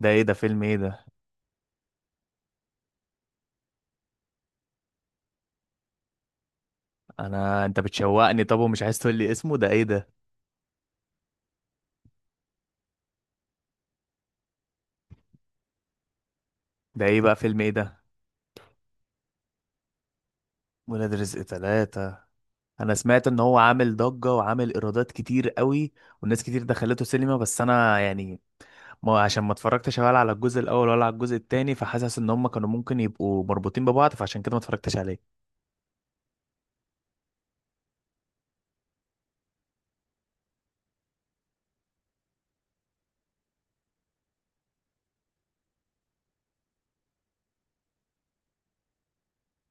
ده ايه ده فيلم ايه ده؟ انت بتشوقني، طب ومش عايز تقول لي اسمه؟ ده ايه ده؟ ده ايه بقى؟ فيلم ايه ده؟ ولاد رزق ثلاثة. انا سمعت ان هو عامل ضجة وعامل ايرادات كتير قوي والناس كتير دخلته سينما، بس انا يعني ما، عشان ما اتفرجتش ولا على الجزء الاول ولا على الجزء التاني، فحاسس ان هم كانوا ممكن يبقوا مربوطين ببعض، فعشان كده ما اتفرجتش عليه.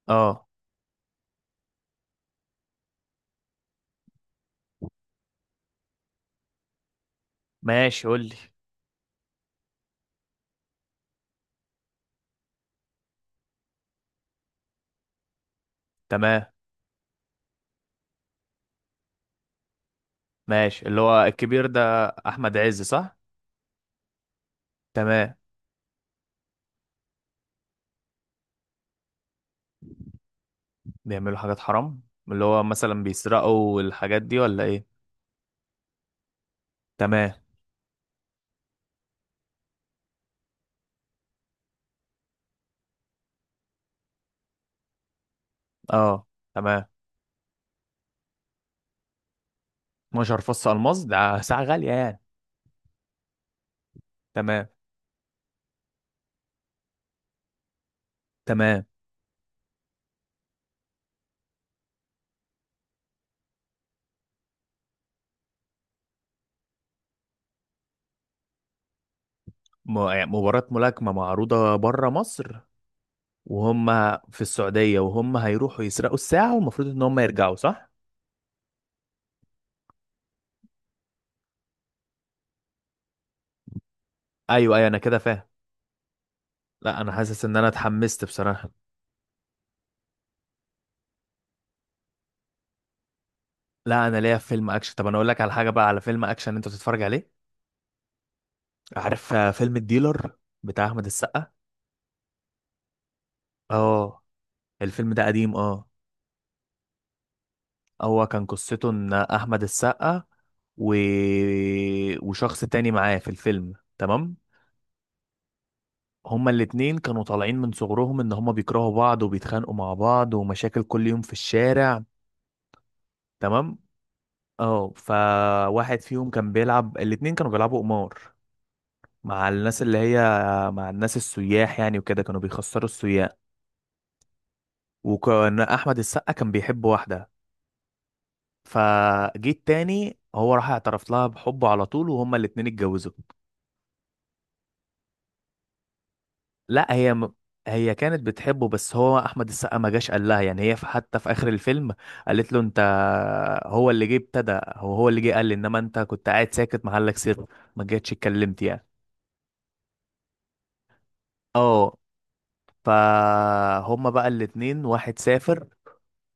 اه، ماشي، قول لي. تمام، ماشي. اللي هو الكبير ده احمد عز، صح؟ تمام. بيعملوا حاجات حرام. اللي هو مثلا بيسرقوا الحاجات دي، ولا ايه؟ تمام. اه، تمام. 12 فص الماس، ده ساعة غالية يعني. تمام. تمام. يعني مباراة ملاكمة معروضة بره مصر وهم في السعودية، وهم هيروحوا يسرقوا الساعة والمفروض ان هم يرجعوا، صح؟ ايوه، ايوه، انا كده فاهم. لا، انا حاسس ان انا اتحمست بصراحة. لا، انا ليا في فيلم اكشن. طب انا اقول لك على حاجة بقى، على فيلم اكشن انت تتفرج عليه. عارف فيلم الديلر، بتاع احمد السقا؟ اه، الفيلم ده قديم، اه. هو كان قصته ان احمد السقا و... وشخص تاني معاه في الفيلم، تمام. هما الاتنين كانوا طالعين من صغرهم ان هما بيكرهوا بعض وبيتخانقوا مع بعض ومشاكل كل يوم في الشارع. تمام. اه، فواحد فيهم كان بيلعب، الاتنين كانوا بيلعبوا قمار مع الناس اللي هي، مع الناس السياح يعني، وكده كانوا بيخسروا السياح. وكان احمد السقا كان بيحب واحدة، فجيت تاني هو راح اعترف لها بحبه على طول وهما الاتنين اتجوزوا. لا هي م... هي كانت بتحبه، بس هو احمد السقا ما جاش قال لها يعني. هي في حتى في اخر الفيلم قالت له: انت هو اللي جه ابتدى، هو اللي جه قال لي، انما انت كنت قاعد ساكت محلك سر، ما جيتش اتكلمت يعني. اه، فهما بقى الاتنين، واحد سافر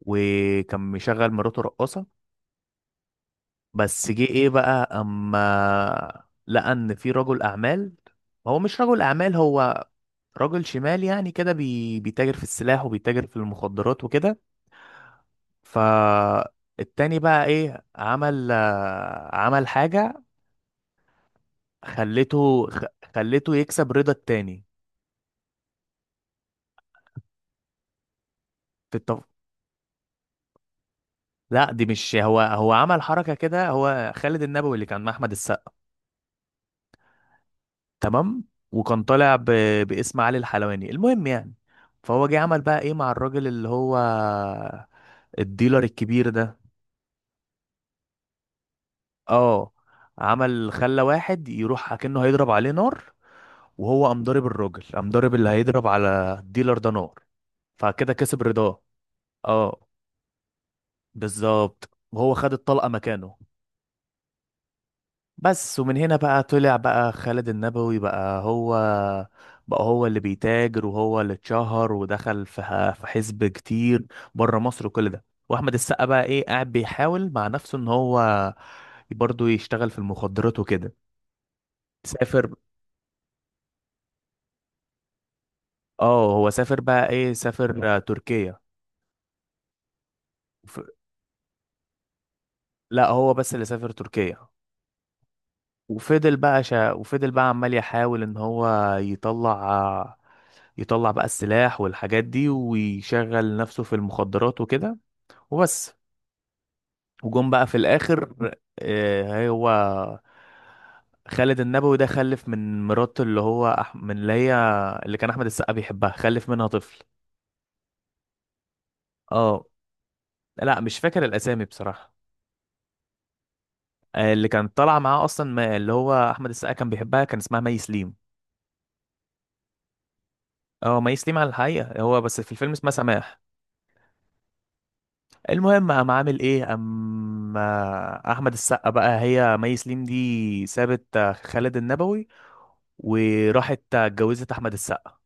وكان مشغل مراته رقاصة. بس جه ايه بقى اما لقى ان في رجل اعمال، هو مش رجل اعمال، هو رجل شمال يعني كده، بيتاجر في السلاح وبيتاجر في المخدرات وكده. فالتاني بقى ايه؟ عمل عمل حاجة، خلته خ- خلته يكسب رضا التاني. في التف... لا، دي مش هو، هو عمل حركة كده. هو خالد النبوي اللي كان مع احمد السقا، تمام. وكان طالع ب... باسم علي الحلواني، المهم يعني. فهو جه عمل بقى ايه مع الراجل اللي هو الديلر الكبير ده؟ اه، عمل خلى واحد يروح اكنه هيضرب عليه نار، وهو قام ضارب الراجل، قام ضارب اللي هيضرب على الديلر ده نار، فكده كسب رضاه. اه، بالظبط، وهو خد الطلقة مكانه. بس، ومن هنا بقى طلع بقى خالد النبوي بقى هو، بقى هو اللي بيتاجر وهو اللي اتشهر ودخل في في حزب كتير بره مصر وكل ده، واحمد السقا بقى ايه؟ قاعد بيحاول مع نفسه ان هو برضه يشتغل في المخدرات وكده. سافر. اه، هو سافر بقى، ايه سافر تركيا. وف... لا، هو بس اللي سافر تركيا. وفضل بقى عمال يحاول ان هو يطلع يطلع بقى السلاح والحاجات دي، ويشغل نفسه في المخدرات وكده وبس. وجم بقى في الاخر. هو خالد النبوي ده خلف من مراته، من اللي هي اللي كان احمد السقا بيحبها، خلف منها طفل. اه، لا مش فاكر الاسامي بصراحة. اللي كانت طالعه معاه اصلا، اللي هو احمد السقا كان بيحبها، كان اسمها مي سليم. اه، مي سليم على الحقيقه، هو بس في الفيلم اسمها سماح. المهم قام عامل ايه، اما احمد السقا بقى، هي مي سليم دي سابت خالد النبوي وراحت اتجوزت احمد السقا.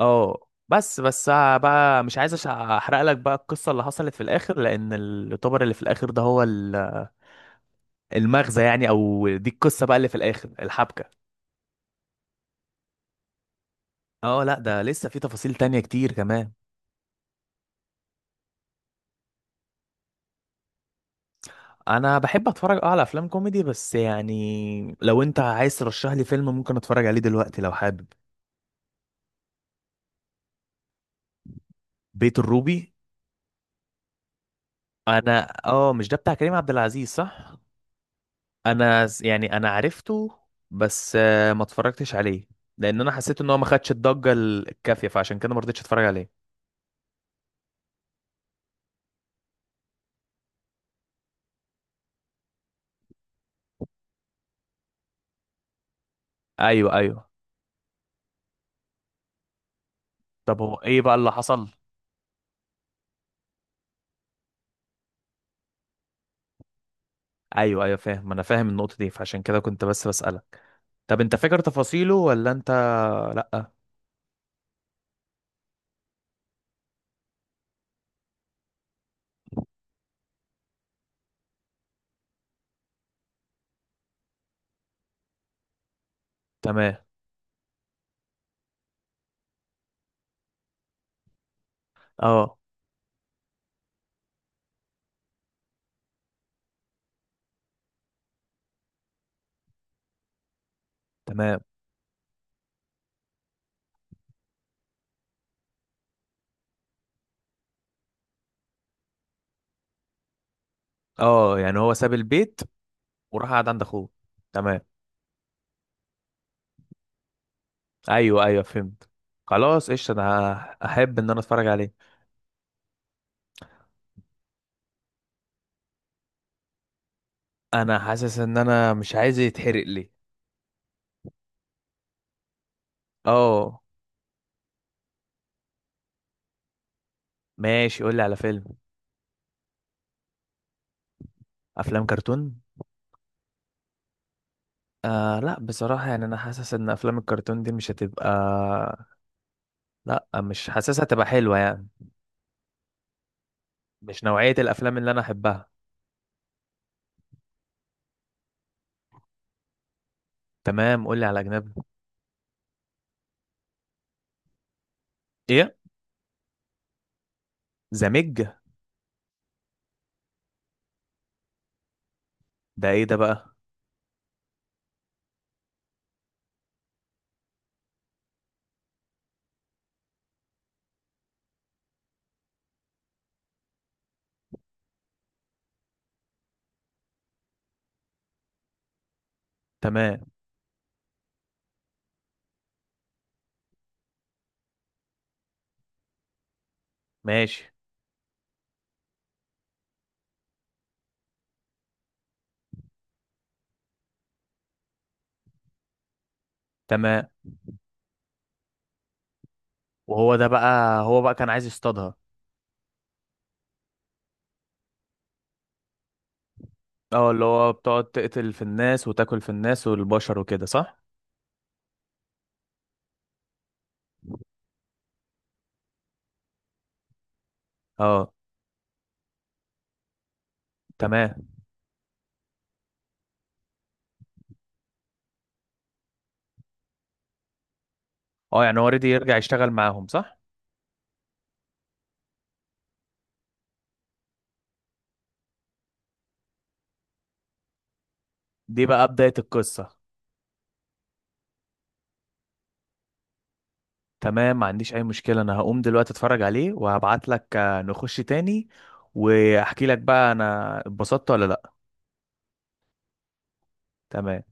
اه بس، بس بقى مش عايز احرق لك بقى القصه اللي حصلت في الاخر، لان الطبر اللي في الاخر ده هو المغزى يعني، او دي القصه بقى اللي في الاخر، الحبكه. اه، لا ده لسه في تفاصيل تانية كتير كمان. انا بحب اتفرج، اه، على افلام كوميدي، بس يعني لو انت عايز ترشح لي فيلم ممكن اتفرج عليه دلوقتي لو حابب. بيت الروبي. انا اه، مش ده بتاع كريم عبد العزيز، صح؟ يعني انا عرفته، بس ما اتفرجتش عليه لان انا حسيت ان هو ما خدش الضجة الكافية، فعشان كده ما رضيتش اتفرج عليه. ايوه، ايوه. طب هو ايه بقى اللي حصل؟ ايوه، ايوه فاهم، انا فاهم النقطة دي، فعشان كده كنت بس بسألك. طب انت فاكر تفاصيله ولا انت؟ لا. تمام. اه، تمام. اه، يعني هو ساب البيت وراح قعد عند اخوه. تمام. ايوه، ايوه، فهمت. خلاص، قشطه، انا احب ان انا اتفرج عليه. انا حاسس ان انا مش عايز يتحرق لي. اه، ماشي قول لي على فيلم. افلام كرتون؟ آه لا، بصراحه يعني انا حاسس ان افلام الكرتون دي مش هتبقى، لا مش حاسسها هتبقى حلوه يعني. مش نوعيه الافلام اللي انا احبها. تمام، قول لي على اجنبي. ايه؟ زمج؟ ده ايه ده بقى؟ تمام، ماشي. تمام. وهو ده بقى، هو بقى كان عايز يصطادها؟ اه، اللي هو بتقعد تقتل في الناس وتاكل في الناس والبشر وكده، صح؟ اه. تمام. اه، يعني هو اوريدي يرجع يشتغل معاهم، صح؟ دي بقى بداية القصة. تمام، ما عنديش اي مشكلة، انا هقوم دلوقتي اتفرج عليه وهبعت لك، نخش تاني واحكي لك بقى انا اتبسطت ولا لا. تمام.